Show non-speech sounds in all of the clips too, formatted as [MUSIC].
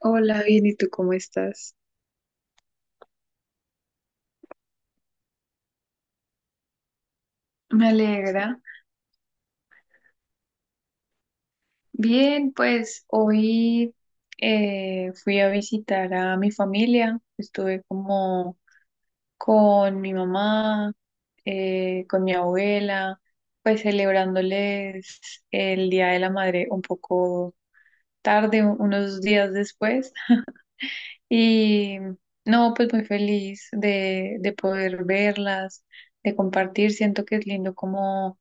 Hola, bien, ¿y tú cómo estás? Me alegra. Bien, pues hoy fui a visitar a mi familia. Estuve como con mi mamá, con mi abuela, pues celebrándoles el Día de la Madre un poco tarde, unos días después. Y no, pues muy feliz de poder verlas, de compartir. Siento que es lindo como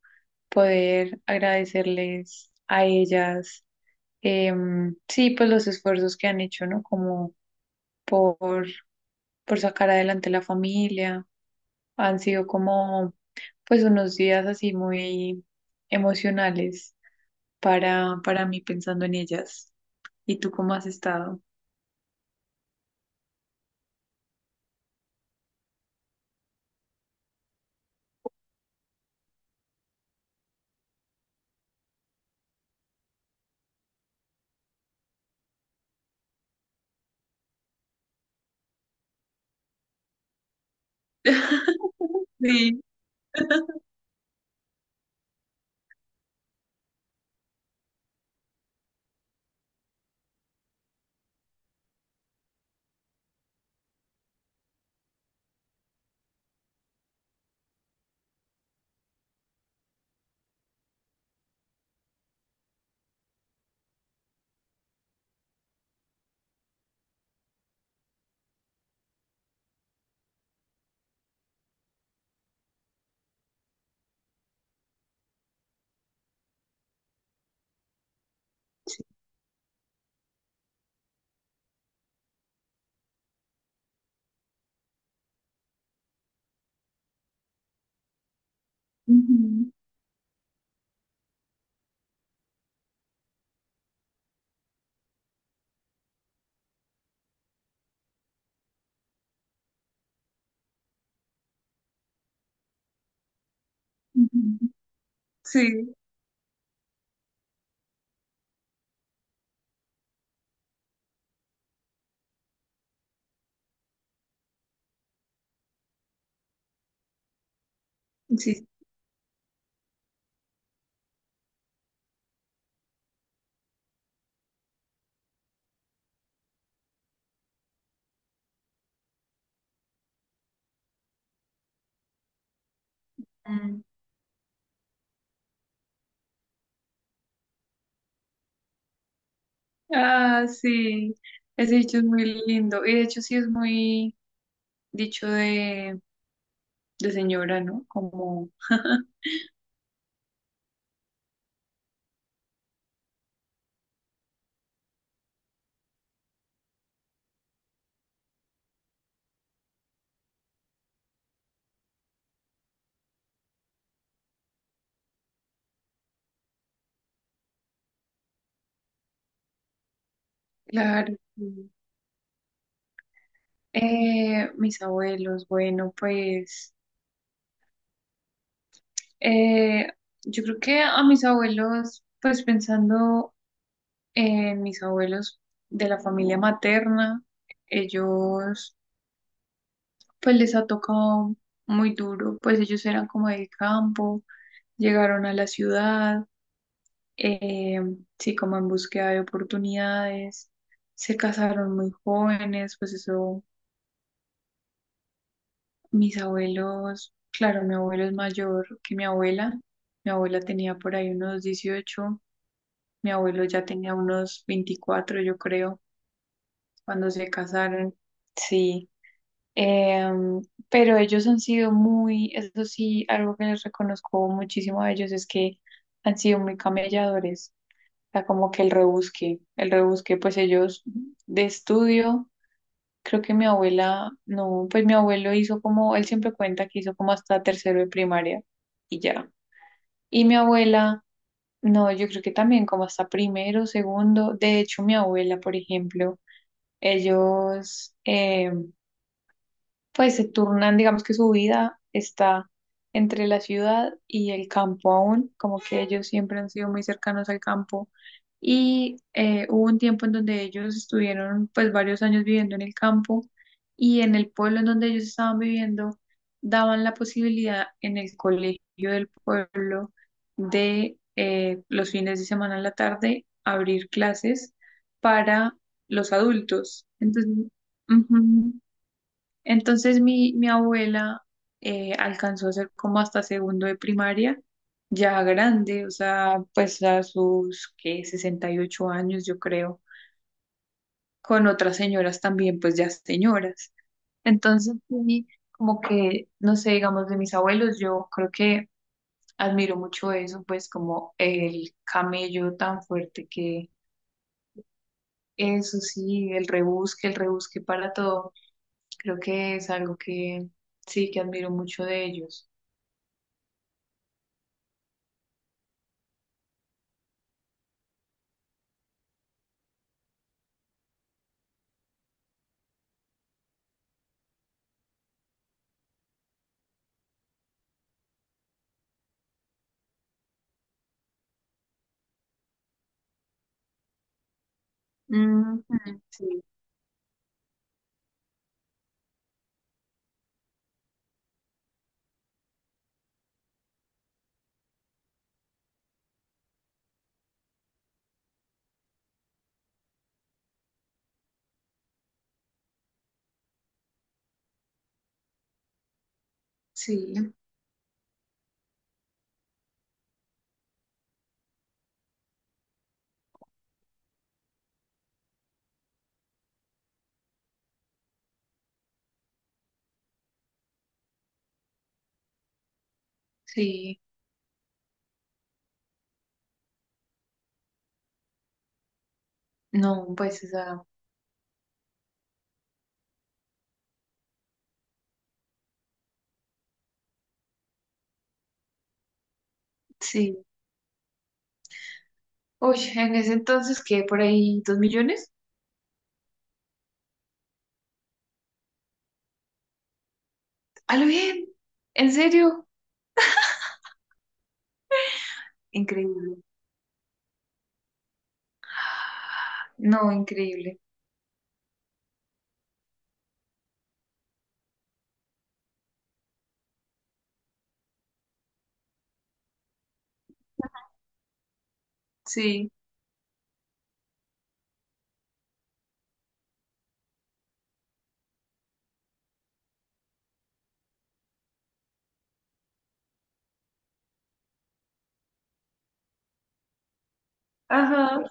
poder agradecerles a ellas, sí, pues los esfuerzos que han hecho, ¿no? Como por, por sacar adelante la familia. Han sido como, pues, unos días así muy emocionales para mí pensando en ellas. ¿Y tú cómo has estado? [LAUGHS] Sí. Ujú, ujú. Sí. Sí. Mm. Ah, sí. Ese dicho es muy lindo. Y de hecho sí es muy dicho de señora, ¿no? Como, claro, sí. Mis abuelos, bueno, pues eh, yo creo que a mis abuelos, pues pensando en mis abuelos de la familia materna, ellos, pues les ha tocado muy duro, pues ellos eran como del campo, llegaron a la ciudad. Eh, sí, como en búsqueda de oportunidades. Se casaron muy jóvenes, pues eso, mis abuelos, claro, mi abuelo es mayor que mi abuela. Mi abuela tenía por ahí unos 18, mi abuelo ya tenía unos 24, yo creo, cuando se casaron. Sí. Em, pero ellos han sido muy, eso sí, algo que les reconozco muchísimo a ellos es que han sido muy camelladores. Sea, como que el rebusque, pues ellos de estudio, creo que mi abuela, no, pues mi abuelo hizo como, él siempre cuenta que hizo como hasta tercero de primaria y ya. Y mi abuela, no, yo creo que también como hasta primero, segundo, de hecho mi abuela, por ejemplo, ellos, pues se turnan, digamos que su vida está entre la ciudad y el campo aún, como que ellos siempre han sido muy cercanos al campo. Y hubo un tiempo en donde ellos estuvieron pues varios años viviendo en el campo y en el pueblo en donde ellos estaban viviendo daban la posibilidad en el colegio del pueblo de los fines de semana en la tarde abrir clases para los adultos. Entonces, ujú, entonces mi abuela alcanzó a ser como hasta segundo de primaria, ya grande, o sea, pues a sus, ¿qué? 68 años, yo creo, con otras señoras también, pues ya señoras. Entonces, sí, como que, no sé, digamos, de mis abuelos, yo creo que admiro mucho eso, pues como el camello tan fuerte que eso sí, el rebusque para todo, creo que es algo que sí, que admiro mucho de ellos. Ujú, sí, sí, sí. No, pues, o sea, sí. Uy, en ese entonces, ¿qué? ¿Por ahí 2 millones? ¡A lo bien! ¿En serio? Increíble. No, increíble. Sí. Ajá.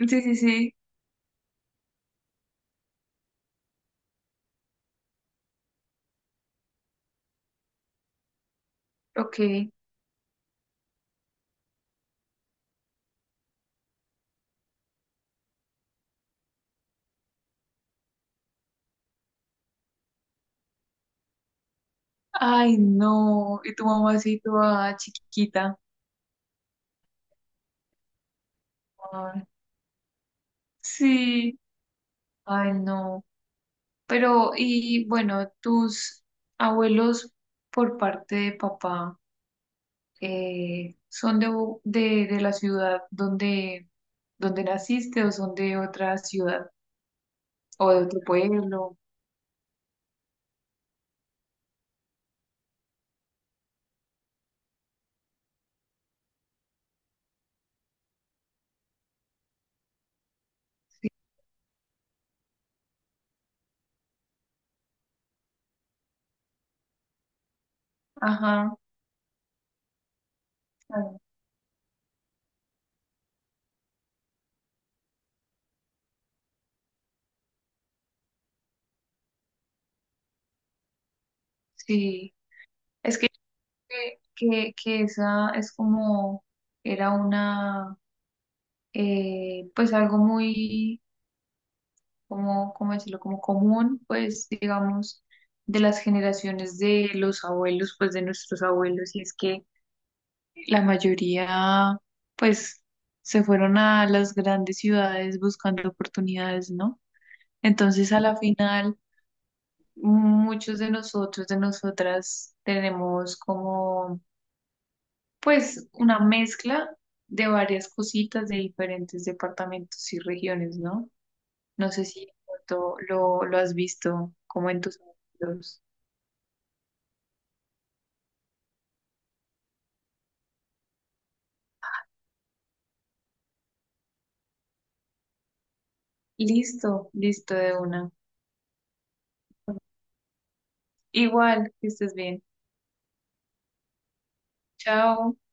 Sí, sí, sí. Ok. Ay, no. Y tu mamacita ah, chiquita. Ay, sí. Ay, no. Pero, y bueno, tus abuelos por parte de papá, ¿son de, de la ciudad donde naciste o son de otra ciudad o de otro pueblo? Ajá, claro, sí. Es que esa es como, era una, pues algo muy, como, ¿cómo decirlo? Como común, pues digamos, de las generaciones de los abuelos, pues de nuestros abuelos. Y es que la mayoría, pues, se fueron a las grandes ciudades buscando oportunidades, ¿no? Entonces, a la final, muchos de nosotros, de nosotras, tenemos como, pues, una mezcla de varias cositas de diferentes departamentos y regiones, ¿no? No sé si de pronto lo has visto como en tus amigos. Listo, listo de una. Igual, que estés bien. Chao.